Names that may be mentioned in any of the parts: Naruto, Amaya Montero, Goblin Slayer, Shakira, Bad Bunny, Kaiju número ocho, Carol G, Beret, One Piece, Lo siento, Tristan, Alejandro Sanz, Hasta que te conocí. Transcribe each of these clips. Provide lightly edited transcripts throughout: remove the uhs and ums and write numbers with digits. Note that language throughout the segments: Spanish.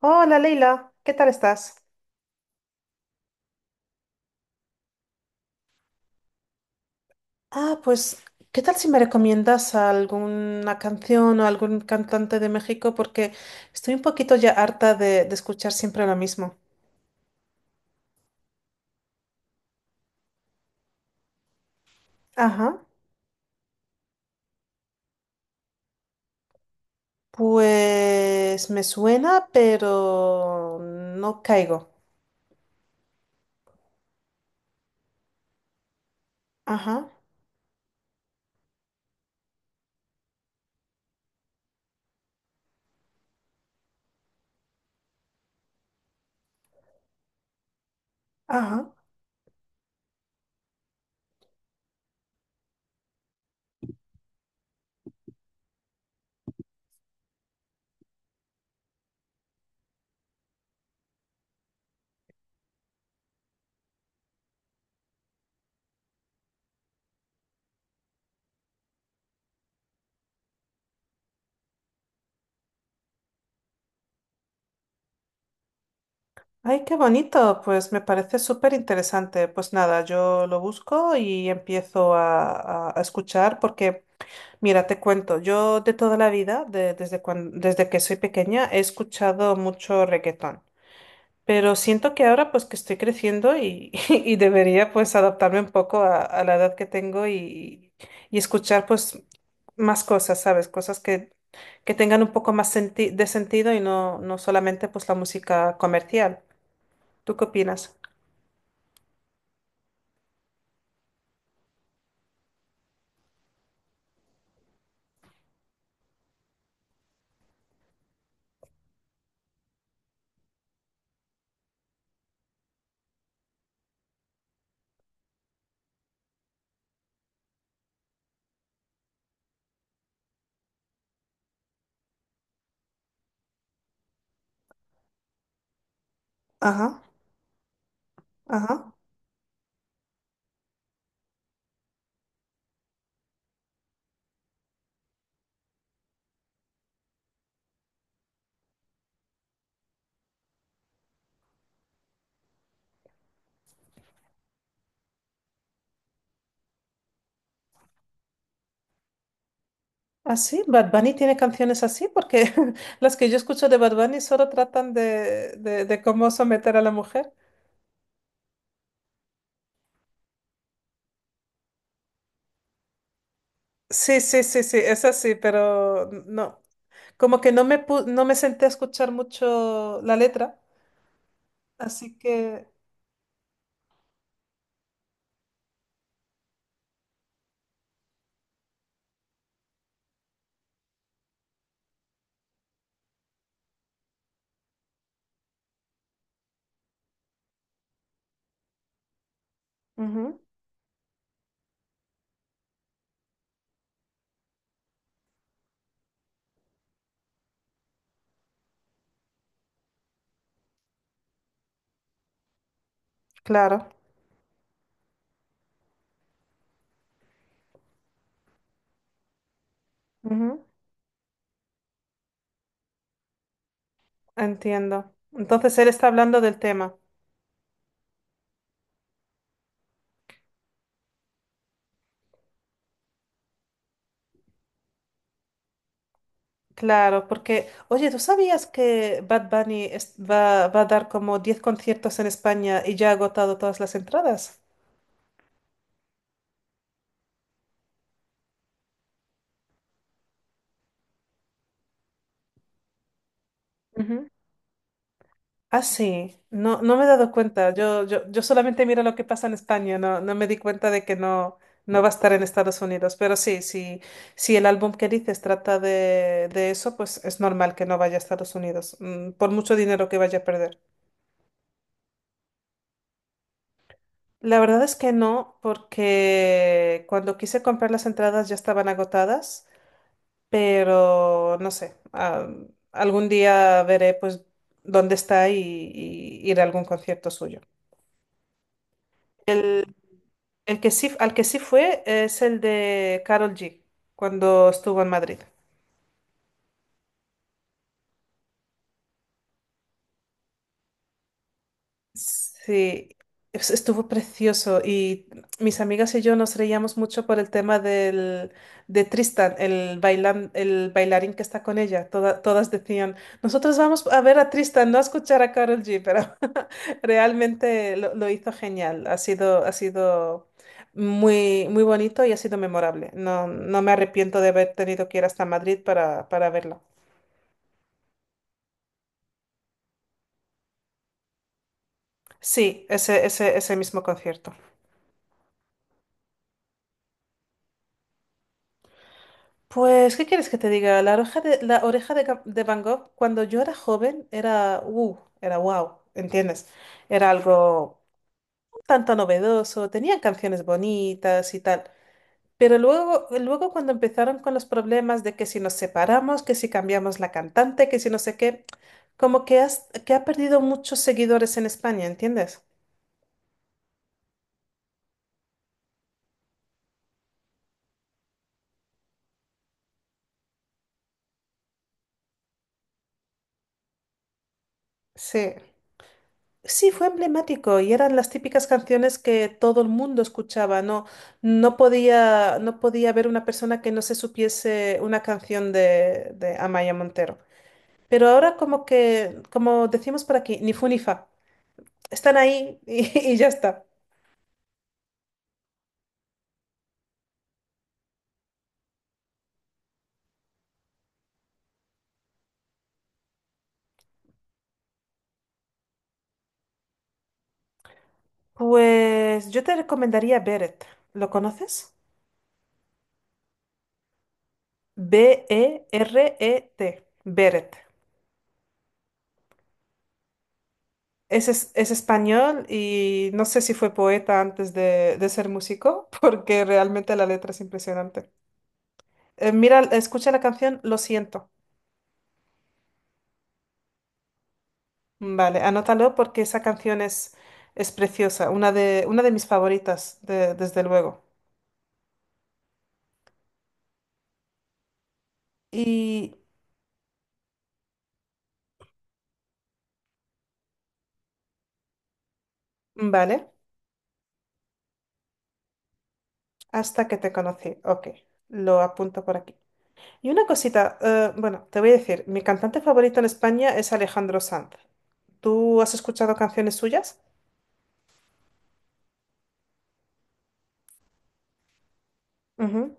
Hola Leila, ¿qué tal estás? Ah, pues, ¿qué tal si me recomiendas alguna canción o algún cantante de México? Porque estoy un poquito ya harta de escuchar siempre lo mismo. Ajá, pues me suena, pero no caigo. Ajá, ajá. Ay, qué bonito, pues me parece súper interesante. Pues nada, yo lo busco y empiezo a escuchar porque... Mira, te cuento, yo de toda la vida, desde que soy pequeña, he escuchado mucho reggaetón, pero siento que ahora pues que estoy creciendo y, y debería pues adaptarme un poco a la edad que tengo y escuchar pues más cosas, ¿sabes? Cosas que tengan un poco más de sentido y no, no solamente pues la música comercial. ¿Tú qué opinas? Ajá, ajá. ¿Ah, sí? ¿Bad Bunny tiene canciones así? Porque las que yo escucho de Bad Bunny solo tratan de cómo someter a la mujer. Sí, sí, sí, sí, es así, pero no. Como que no me, no me senté a escuchar mucho la letra, así que... Ujú, claro, ujú, entiendo. Entonces él está hablando del tema. Claro, porque, oye, ¿tú sabías que Bad Bunny va, va a dar como 10 conciertos en España y ya ha agotado todas las entradas? Ujú. Ah, sí, no, no me he dado cuenta. Yo solamente miro lo que pasa en España, no, no me di cuenta de que no, no va a estar en Estados Unidos. Pero sí, sí, si el álbum que dices trata de eso, pues es normal que no vaya a Estados Unidos, por mucho dinero que vaya a perder. La verdad es que no, porque cuando quise comprar las entradas ya estaban agotadas, pero no sé, ah, algún día veré pues dónde está y ir a algún concierto suyo. El, El que sí, al que sí fue es el de Carol G, cuando estuvo en Madrid. Sí, estuvo precioso y mis amigas y yo nos reíamos mucho por el tema de Tristan, el bailarín que está con ella. Todas decían, nosotros vamos a ver a Tristan, no a escuchar a Carol G, pero realmente lo hizo genial. Ha sido muy, muy bonito y ha sido memorable. No, no me arrepiento de haber tenido que ir hasta Madrid para verla. Sí, ese mismo concierto. Pues, ¿qué quieres que te diga? La oreja de, Ga- de Van Gogh, cuando yo era joven, era era wow, ¿entiendes? Era algo un tanto novedoso, tenían canciones bonitas y tal. Pero luego, luego cuando empezaron con los problemas de que si nos separamos, que si cambiamos la cantante, que si no sé qué, como que, que ha perdido muchos seguidores en España, ¿entiendes? Sí, sí, fue emblemático y eran las típicas canciones que todo el mundo escuchaba. No, no podía haber una persona que no se supiese una canción de Amaya Montero. Pero ahora como que, como decimos por aquí, ni fu ni fa. Están ahí y, y ya está. Pues yo te recomendaría Beret. ¿Lo conoces? Beret. Beret. Es español y no sé si fue poeta antes de ser músico, porque realmente la letra es impresionante. Mira, escucha la canción Lo siento. Vale, anótalo porque esa canción es preciosa, una de mis favoritas, desde luego. Y vale, hasta que te conocí. Ok, lo apunto por aquí. Y una cosita, bueno, te voy a decir, mi cantante favorito en España es Alejandro Sanz. ¿Tú has escuchado canciones suyas? Ujú,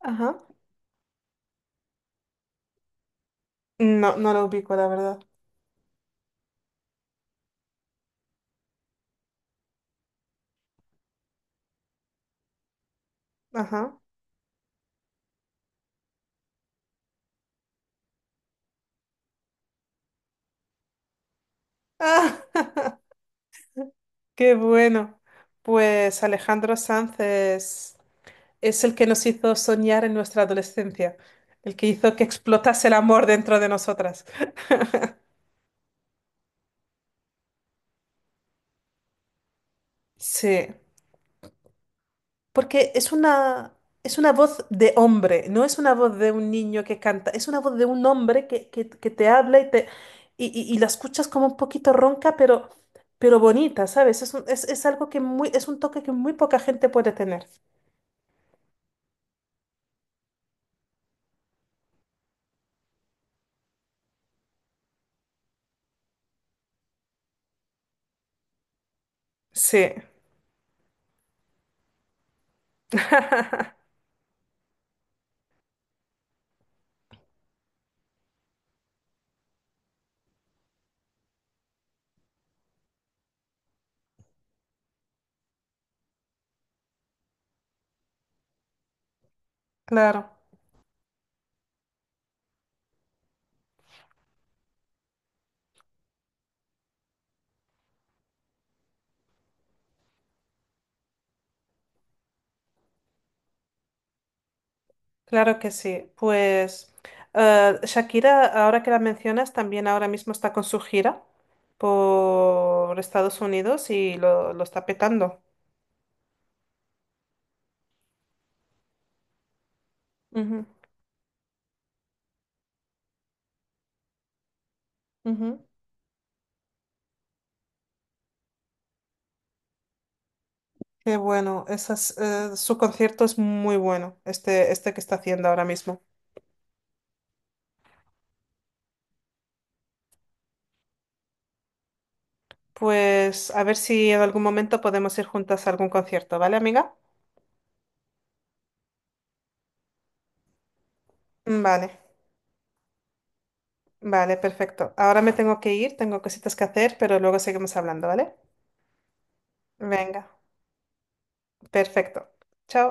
ajá. No, no lo ubico, la verdad. Ajá. Qué bueno. Pues Alejandro Sanz es el que nos hizo soñar en nuestra adolescencia, el que hizo que explotase el amor dentro de nosotras. Sí, porque es una voz de hombre, no es una voz de un niño que canta, es una voz de un hombre que te habla y, te, y la escuchas como un poquito ronca, pero bonita, ¿sabes? Es algo que muy, es un toque que muy poca gente puede tener. Sí, claro, claro que sí. Pues Shakira, ahora que la mencionas, también ahora mismo está con su gira por Estados Unidos y lo está petando. Ujú, ujú. Qué bueno, esas, su concierto es muy bueno, este que está haciendo ahora mismo. Pues a ver si en algún momento podemos ir juntas a algún concierto, ¿vale, amiga? Vale, vale, perfecto. Ahora me tengo que ir, tengo cositas que hacer, pero luego seguimos hablando, ¿vale? Venga. Perfecto. Chao.